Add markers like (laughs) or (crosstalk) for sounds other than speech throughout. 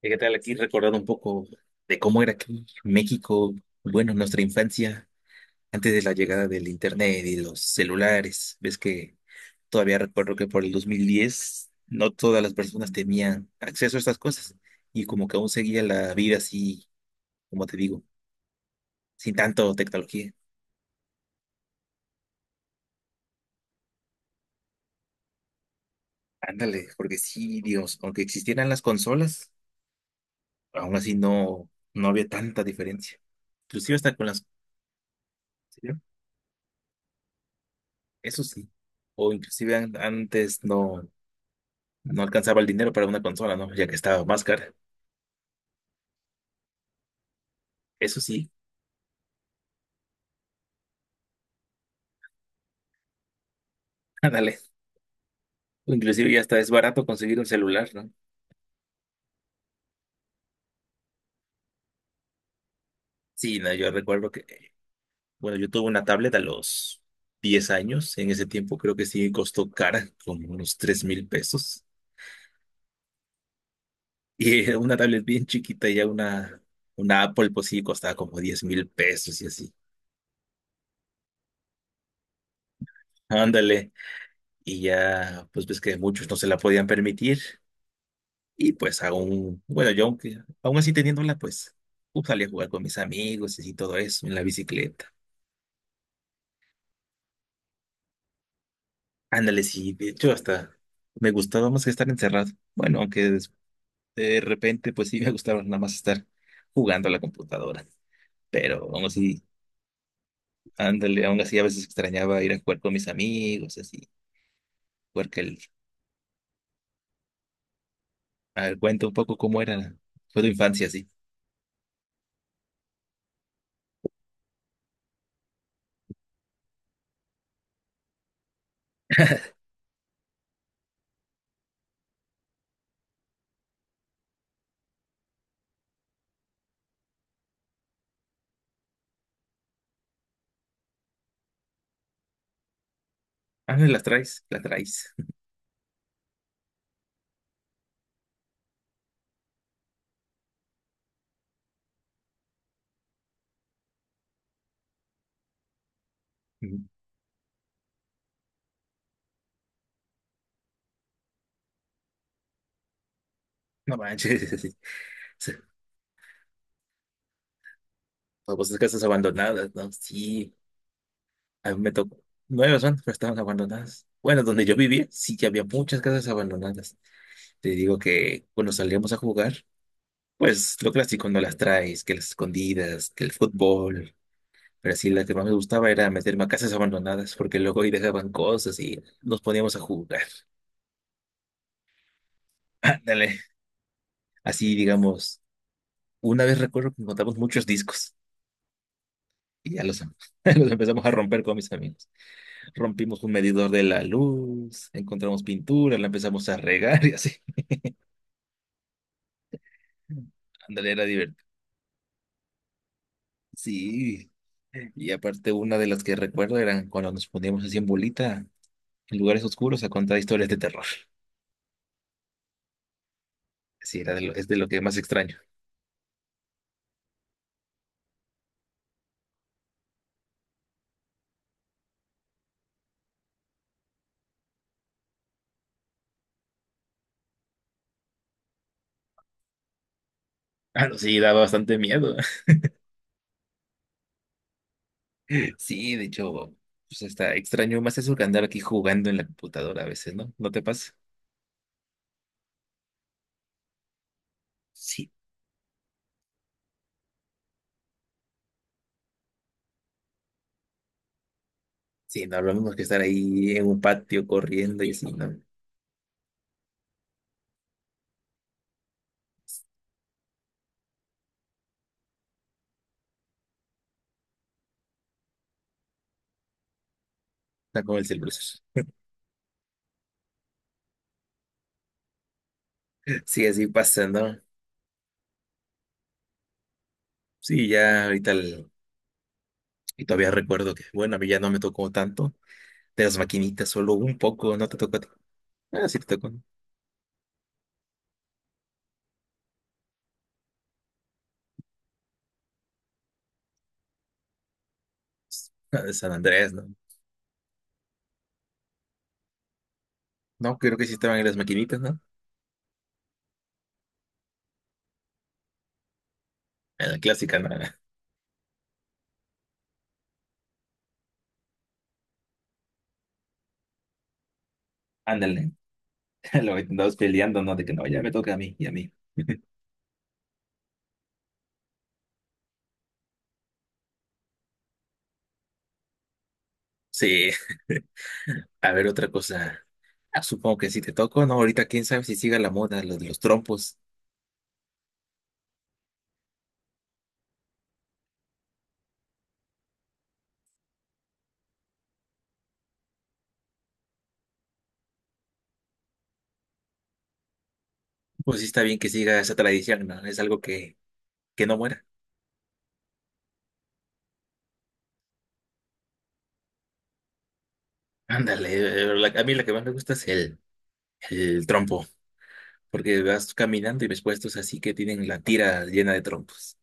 ¿Y qué tal aquí recordar un poco de cómo era aquí México, bueno, nuestra infancia, antes de la llegada del internet y de los celulares? Ves que todavía recuerdo que por el 2010 no todas las personas tenían acceso a estas cosas y como que aún seguía la vida así, como te digo, sin tanto tecnología. Ándale, porque sí, Dios, aunque existieran las consolas, aún así no había tanta diferencia. Inclusive hasta con las... ¿sí? Eso sí. O inclusive antes no alcanzaba el dinero para una consola, ¿no? Ya que estaba más cara. Eso sí, (laughs) ándale. Inclusive ya está es barato conseguir un celular, ¿no? Sí, no, yo recuerdo que, bueno, yo tuve una tablet a los 10 años. En ese tiempo creo que sí costó cara, como unos 3,000 pesos. (laughs) Y era una tablet bien chiquita, y ya una Apple, pues sí, costaba como 10,000 pesos y así. Ándale. Y ya, pues ves que muchos no se la podían permitir. Y pues aún, bueno, yo aunque, aún así teniéndola, pues salí a jugar con mis amigos y así todo eso en la bicicleta. Ándale, sí, de hecho hasta me gustaba más que estar encerrado. Bueno, aunque de repente pues sí me gustaba nada más estar jugando a la computadora. Pero aún así, ándale, aún así a veces extrañaba ir a jugar con mis amigos, así, jugar que el, a ver, cuenta un poco cómo era, fue tu infancia, así. Ah, las traes, las traes. (laughs) No manches, (laughs) sí. Sí, famosas casas abandonadas, ¿no? Sí. A mí me tocó. Nueve personas pero estaban abandonadas. Bueno, donde yo vivía, sí que había muchas casas abandonadas. Te digo que cuando salíamos a jugar, pues lo clásico, no las traes, que las escondidas, que el fútbol. Pero sí, la que más me gustaba era meterme a casas abandonadas, porque luego ahí dejaban cosas y nos poníamos a jugar. (laughs) Ándale. Así, digamos, una vez recuerdo que encontramos muchos discos y ya (laughs) los empezamos a romper con mis amigos. Rompimos un medidor de la luz, encontramos pintura, la empezamos a regar (laughs) y así. Ándale, era divertido. Sí. Y aparte, una de las que recuerdo eran cuando nos poníamos así en bolita en lugares oscuros a contar historias de terror. Sí, era es de lo que más extraño. Ah, no, sí, daba bastante miedo. (laughs) Sí, de hecho, pues está extraño más eso que andar aquí jugando en la computadora a veces, ¿no? ¿No te pasa? Sí. Sí, no, lo mismo que estar ahí en un patio corriendo y así, ¿no? Está como el celular. Sí, así pasa, ¿no? Sí, ya ahorita y todavía recuerdo que, bueno, a mí ya no me tocó tanto. De las maquinitas, solo un poco, no te tocó a ti. Ah, sí te tocó, ¿no? Ah, de San Andrés, ¿no? No, creo que sí estaban en las maquinitas, ¿no? En la clásica, ¿no? Ándale, (laughs) lo andabas peleando, ¿no? De que no, ya me toca a mí y a mí. Sí, (laughs) a ver, otra cosa. Ah, supongo que sí te tocó, ¿no? Ahorita quién sabe si siga la moda, lo de los trompos. Pues sí está bien que siga esa tradición, ¿no? Es algo que no muera. Ándale, a mí la que más me gusta es el trompo, porque vas caminando y ves puestos así que tienen la tira llena de trompos.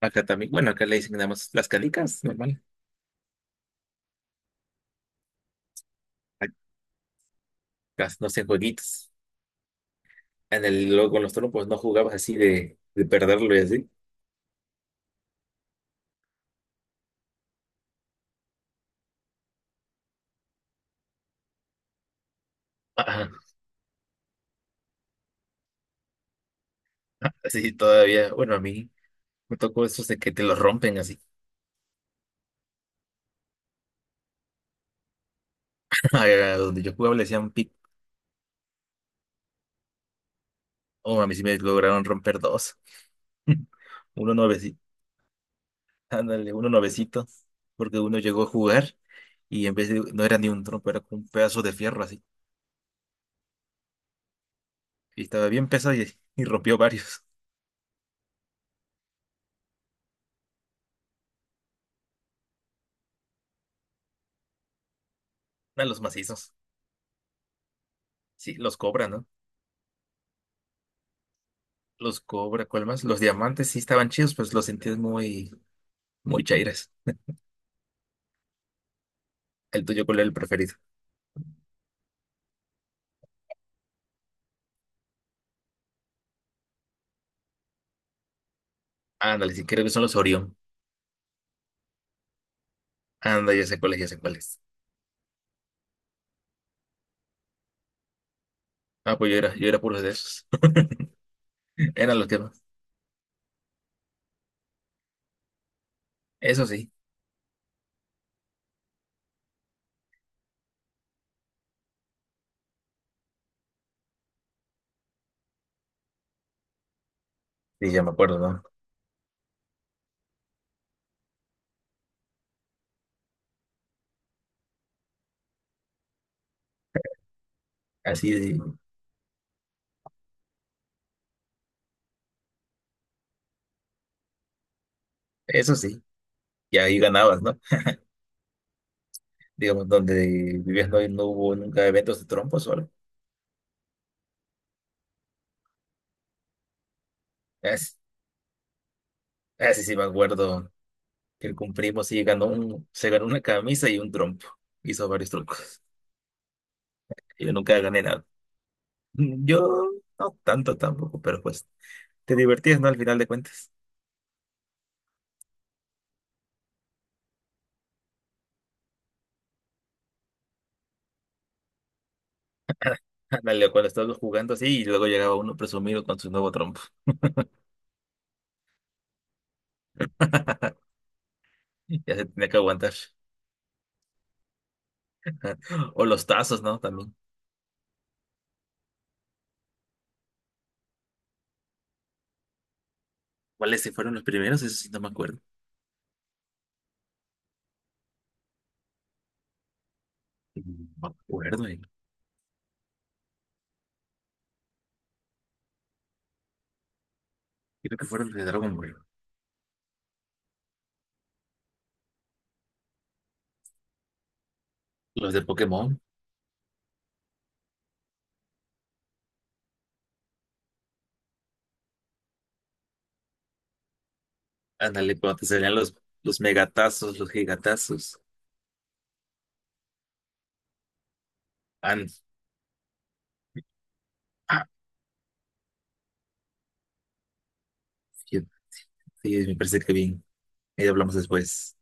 Acá también, bueno, acá le dicen nada más las canicas, normal. Acá no hacen jueguitos. En el, luego con los trompos no jugabas así de perderlo y así. Ajá. (laughs) Sí, todavía, bueno, a mí me tocó esos de que te los rompen así. (laughs) A donde yo jugaba le decían pic. Oh, a mí sí me lograron romper dos. (laughs) Uno nuevecito, ándale, uno nuevecito, porque uno llegó a jugar y en vez de, no era ni un trompo, era como un pedazo de fierro así. Y estaba bien pesado y rompió varios. (laughs) A los macizos. Sí, los cobran, no. Los cobra, ¿cuál más? Los diamantes sí estaban chidos, pues los sentías muy, muy chairas. El tuyo, ¿cuál era el preferido? Ándale, si creo que son los Orión. Anda, ya sé cuáles, ya sé cuáles. Ah, pues yo era puro de esos. (laughs) Eran los que más. Eso sí, sí, ya me acuerdo, ¿no? Así, eso sí. Y ahí ganabas, ¿no? Digamos, donde vivías no, no hubo nunca eventos de trompos o algo. Así, así sí me acuerdo que con primo sí ganó un, se ganó una camisa y un trompo. Hizo varios trucos. Yo nunca gané nada. Yo no tanto tampoco, pero pues te divertías, ¿no? Al final de cuentas. (laughs) Ándale, cuando estabas jugando así y luego llegaba uno presumido con su nuevo trompo. (laughs) Ya se tenía que aguantar. O los tazos, ¿no? También. ¿Cuáles sí fueron los primeros? Eso sí no me acuerdo. No me acuerdo, eh. Creo que fueron los de Dragon Ball. Los de Pokémon. Ándale, cuando te salían los megatazos, los gigatazos. And, ah, sí, sí, me parece que bien. Ahí hablamos después.